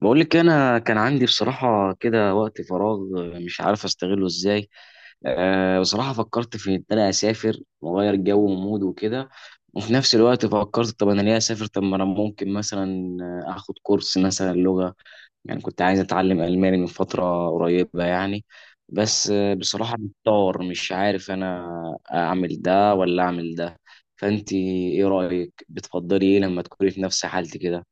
بقول لك انا كان عندي بصراحه كده وقت فراغ، مش عارف استغله ازاي. أه، بصراحه فكرت في ان انا اسافر واغير جو ومود وكده. وفي نفس الوقت فكرت طب انا ليه اسافر؟ طب ما انا ممكن مثلا اخد كورس مثلا لغه، يعني كنت عايز اتعلم الماني من فتره قريبه يعني. بس بصراحه محتار مش عارف انا اعمل ده ولا اعمل ده. فانت ايه رايك؟ بتفضلي ايه لما تكوني في نفس حالتي كده؟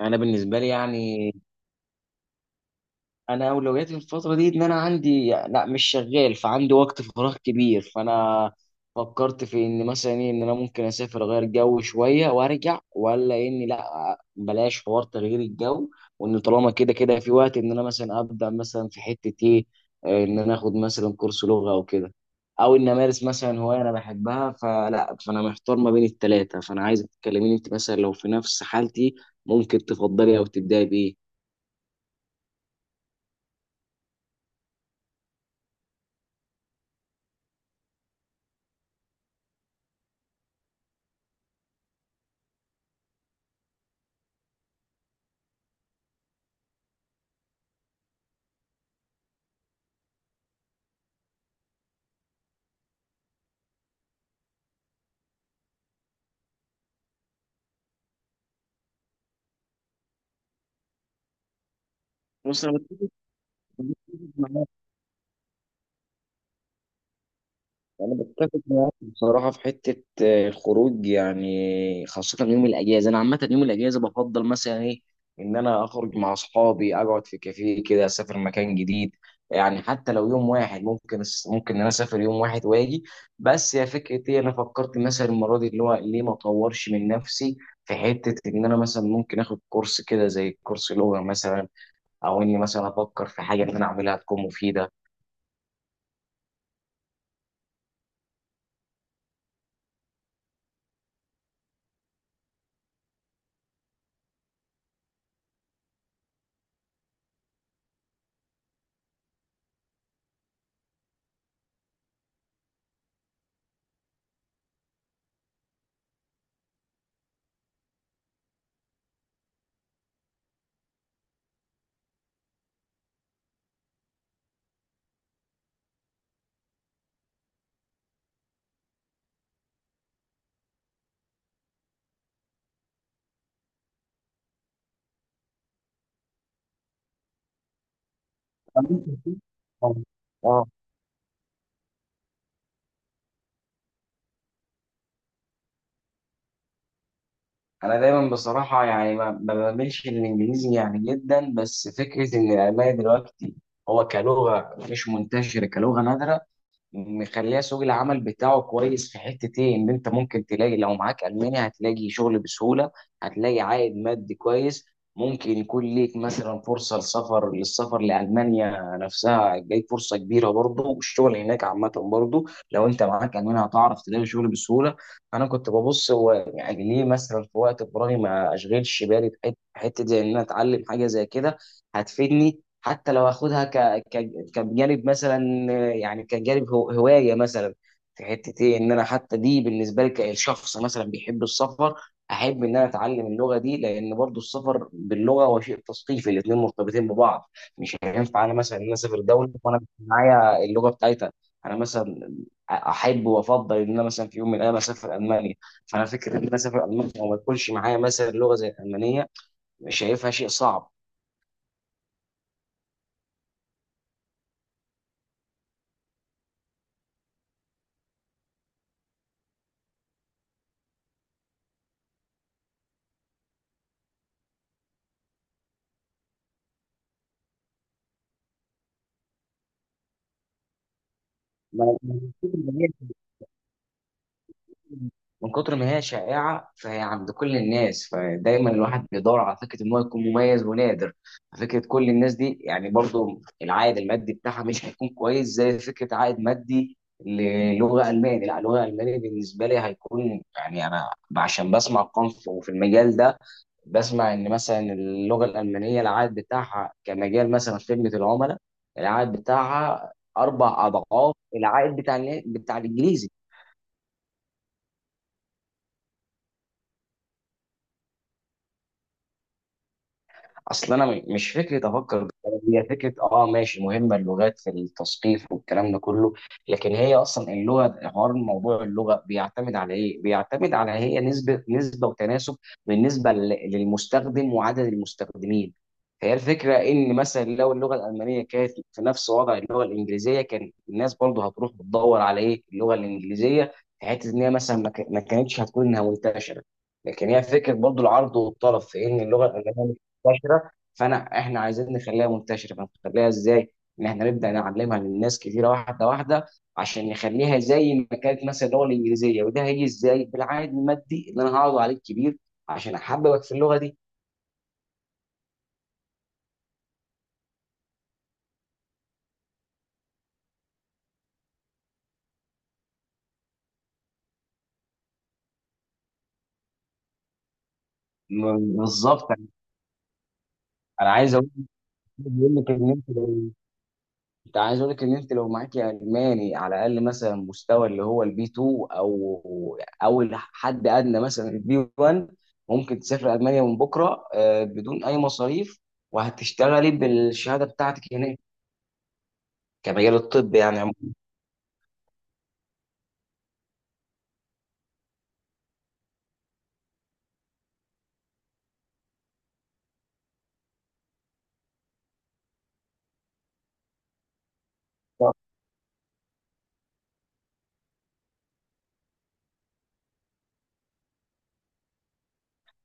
انا بالنسبه لي يعني، انا اولوياتي الفتره دي ان انا عندي لا مش شغال، فعندي وقت فراغ كبير، فانا فكرت في ان مثلا ايه ان انا ممكن اسافر اغير جو شويه وارجع، ولا اني لا بلاش حوار تغيير الجو، وان طالما كده كده في وقت ان انا مثلا ابدا مثلا في حته ايه، ان انا اخد مثلا كورس لغه او كده، او ان امارس مثلا هوايه انا بحبها. فلا فانا محتار ما بين التلاته، فانا عايزك تكلميني انت مثلا لو في نفس حالتي ممكن تفضلي او تبداي بايه. مثلا انا بتفق معاك بصراحه في حته الخروج، يعني خاصه يوم الاجازه، انا عامه يوم الاجازه بفضل مثلا ايه ان انا اخرج مع اصحابي، اقعد في كافيه كده، اسافر مكان جديد، يعني حتى لو يوم واحد ممكن، ممكن ان انا اسافر يوم واحد واجي. بس يا فكره ايه انا فكرت مثلا المره دي اللي هو ليه ما اطورش من نفسي في حته ان انا مثلا ممكن اخد كورس كده زي كورس لغه مثلا، او اني مثلا افكر في حاجه ان انا اعملها تكون مفيده. اه، انا دايما بصراحه يعني ما بميلش للانجليزي يعني جدا، بس فكره ان الالماني دلوقتي هو كلغه مش منتشره، كلغه نادره، مخليها سوق العمل بتاعه كويس، في حتة ايه ان انت ممكن تلاقي لو معاك الماني هتلاقي شغل بسهولة، هتلاقي عائد مادي كويس، ممكن يكون ليك مثلا فرصة لسفر للسفر لألمانيا نفسها جاي فرصة كبيرة برضه، والشغل هناك عامة برضه لو انت معاك ألماني هتعرف تلاقي شغل بسهولة. أنا كنت ببص هو يعني ليه مثلا في وقت فراغي ما أشغلش بالي بحتة حتة زي إن أنا أتعلم حاجة زي كده هتفيدني. حتى لو اخدها كجانب مثلا، يعني كجانب هوايه مثلا، في حته ايه ان انا حتى دي بالنسبه لي كشخص مثلا بيحب السفر، احب ان انا اتعلم اللغه دي، لان برضو السفر باللغه هو شيء تثقيفي، الاثنين مرتبطين ببعض. مش هينفع انا مثلا ان انا اسافر دوله وانا مش معايا اللغه بتاعتها. انا مثلا احب وافضل ان انا مثلا في يوم من الايام اسافر المانيا، فانا فكره ان انا اسافر المانيا وما يكونش معايا مثلا لغه زي الالمانيه شايفها شيء صعب. ما- من كتر ما هي شائعة فهي عند كل الناس، فدايما الواحد بيدور على فكرة ان هو يكون مميز ونادر فكرة كل الناس دي، يعني برضو العائد المادي بتاعها مش هيكون كويس زي فكرة عائد مادي للغة ألماني. لا اللغة الألمانية بالنسبة لي هيكون يعني أنا عشان بسمع أرقام في المجال ده، بسمع إن مثلا اللغة الألمانية العائد بتاعها كمجال مثلا خدمة العملاء، العائد بتاعها أربع أضعاف العائد بتاع الإنجليزي. اصل انا مش فكره افكر بالطريقة دي، هي فكره اه ماشي، مهمه اللغات في التثقيف والكلام ده كله، لكن هي اصلا اللغه حوار موضوع اللغه بيعتمد على ايه؟ بيعتمد على هي نسبه وتناسب بالنسبه للمستخدم وعدد المستخدمين. فهي الفكره ان مثلا لو اللغه الالمانيه كانت في نفس وضع اللغه الانجليزيه كان الناس برضه هتروح بتدور على ايه؟ اللغه الانجليزيه، في حته ان هي مثلا ما كانتش هتكون انها منتشره. لكن هي فكره برضه العرض والطلب في ان اللغه الالمانيه منتشره. فانا احنا عايزين نخليها منتشره فنخليها ازاي؟ ان احنا نبدا نعلمها للناس كتيره واحده واحده عشان نخليها زي ما كانت مثلا اللغه الانجليزيه، وده هيجي ازاي؟ بالعائد المادي اللي انا هقعد عليه كبير عشان احببك في اللغه دي. بالظبط. انا عايز اقول لك إن انت، عايز اقول لك ان انت لو معاكي الماني على الاقل مثلا مستوى اللي هو البي 2 او حد ادنى مثلا البي 1، ممكن تسافر المانيا من بكره بدون اي مصاريف، وهتشتغلي بالشهاده بتاعتك هناك كمجال الطب يعني عموما.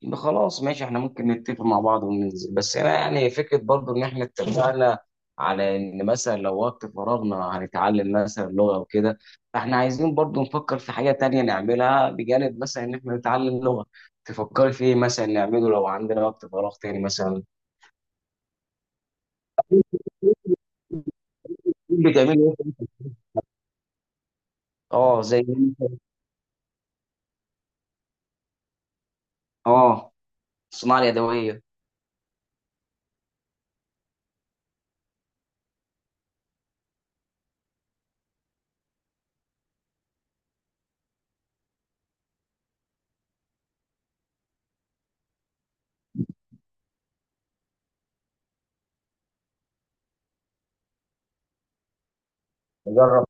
يبقى خلاص ماشي، احنا ممكن نتفق مع بعض وننزل، بس انا يعني فكره برضو ان احنا اتفقنا على ان مثلا لو وقت فراغنا هنتعلم مثلا لغه وكده، فاحنا عايزين برضو نفكر في حاجه تانية نعملها بجانب مثلا ان احنا نتعلم لغه. تفكري في ايه مثلا نعمله لو عندنا وقت فراغ تاني مثلا؟ بتعملي ايه؟ اه زي إيه؟ مثلاً- اه، الصناعه اليدويه. نجرب.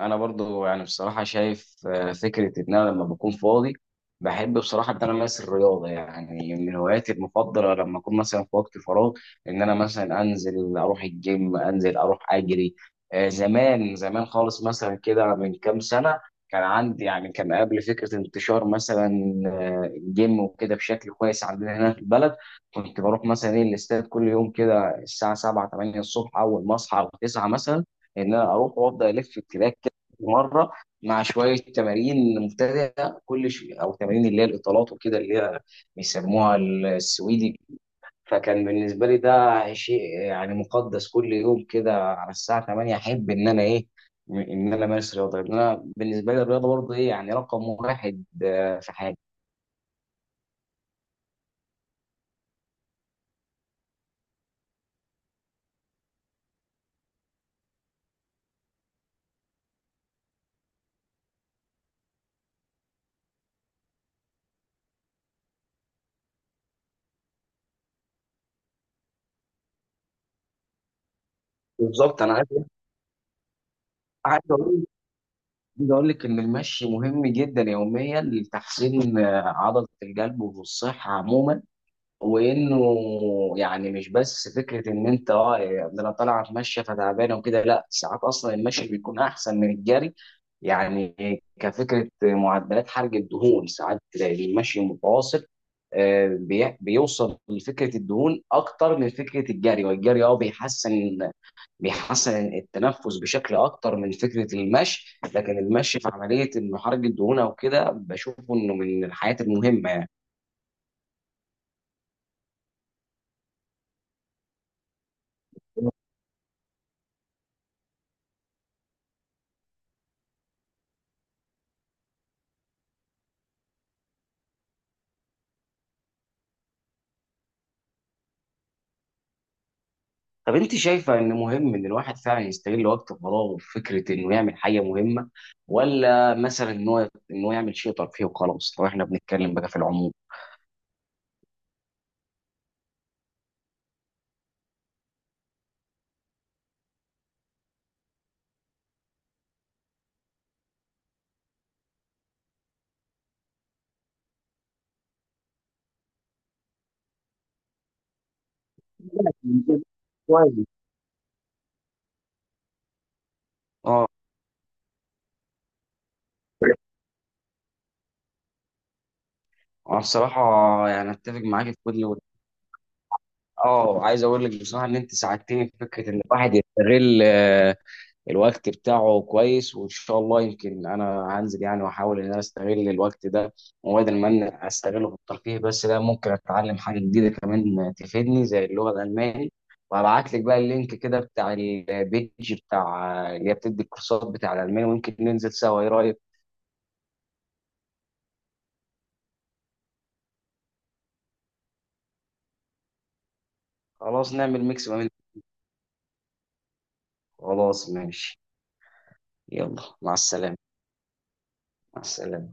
انا برضو يعني بصراحه شايف فكره ان انا لما بكون فاضي بحب بصراحه ان انا امارس الرياضه، يعني من هواياتي المفضله لما اكون مثلا في وقت فراغ ان انا مثلا انزل اروح الجيم، انزل اروح اجري. زمان زمان خالص مثلا كده من كام سنه، كان عندي يعني كان قبل فكره انتشار مثلا الجيم وكده بشكل كويس عندنا هنا في البلد، كنت بروح مثلا ايه الاستاد كل يوم كده الساعه 7 8 الصبح اول ما اصحى او 9 مثلا، ان انا اروح وافضل الف في التراك مره، مع شويه تمارين مبتدئه كل شيء او تمارين اللي هي الاطالات وكده اللي هي بيسموها السويدي. فكان بالنسبه لي ده شيء يعني مقدس كل يوم كده على الساعه 8 احب ان انا ايه ان انا امارس رياضه، لان انا بالنسبه لي الرياضه برضه ايه يعني رقم واحد في حياتي. بالظبط. انا عايز عايز اقول عايز اقول لك ان المشي مهم جدا يوميا لتحسين عضله القلب والصحه عموما، وانه يعني مش بس فكره ان انت اه ده انا طالع اتمشى فتعبان وكده، لا ساعات اصلا المشي بيكون احسن من الجري، يعني كفكره معدلات حرق الدهون ساعات تلاقي المشي المتواصل بيوصل لفكره الدهون اكتر من فكره الجري، والجري اه بيحسن التنفس بشكل اكتر من فكره المشي، لكن المشي في عمليه انه حرق الدهون او كده بشوفه انه من الحاجات المهمه يعني. طب انت شايفه ان مهم ان الواحد فعلا يستغل وقت فراغه في فكره انه يعمل حاجه مهمه ولا مثلا ان هو يعمل شيء ترفيهي وخلاص، لو احنا بنتكلم بقى في العموم؟ كويس. اه، انا بصراحه يعني اتفق معاك في كل اه، عايز اقول لك بصراحه ان انت ساعدتني في فكره ان الواحد يستغل الوقت بتاعه كويس، وان شاء الله يمكن انا هنزل يعني واحاول ان انا استغل الوقت ده، وبدل ما انا استغله في الترفيه بس لا ممكن اتعلم حاجه جديده كمان تفيدني زي اللغه الالماني، وهبعت لك بقى اللينك كده بتاع البيج بتاع اللي هي بتدي الكورسات بتاع الالماني، ويمكن ننزل سوا ايه رايك؟ خلاص نعمل ميكس ما بين. خلاص ماشي. يلا مع السلامه. مع السلامه.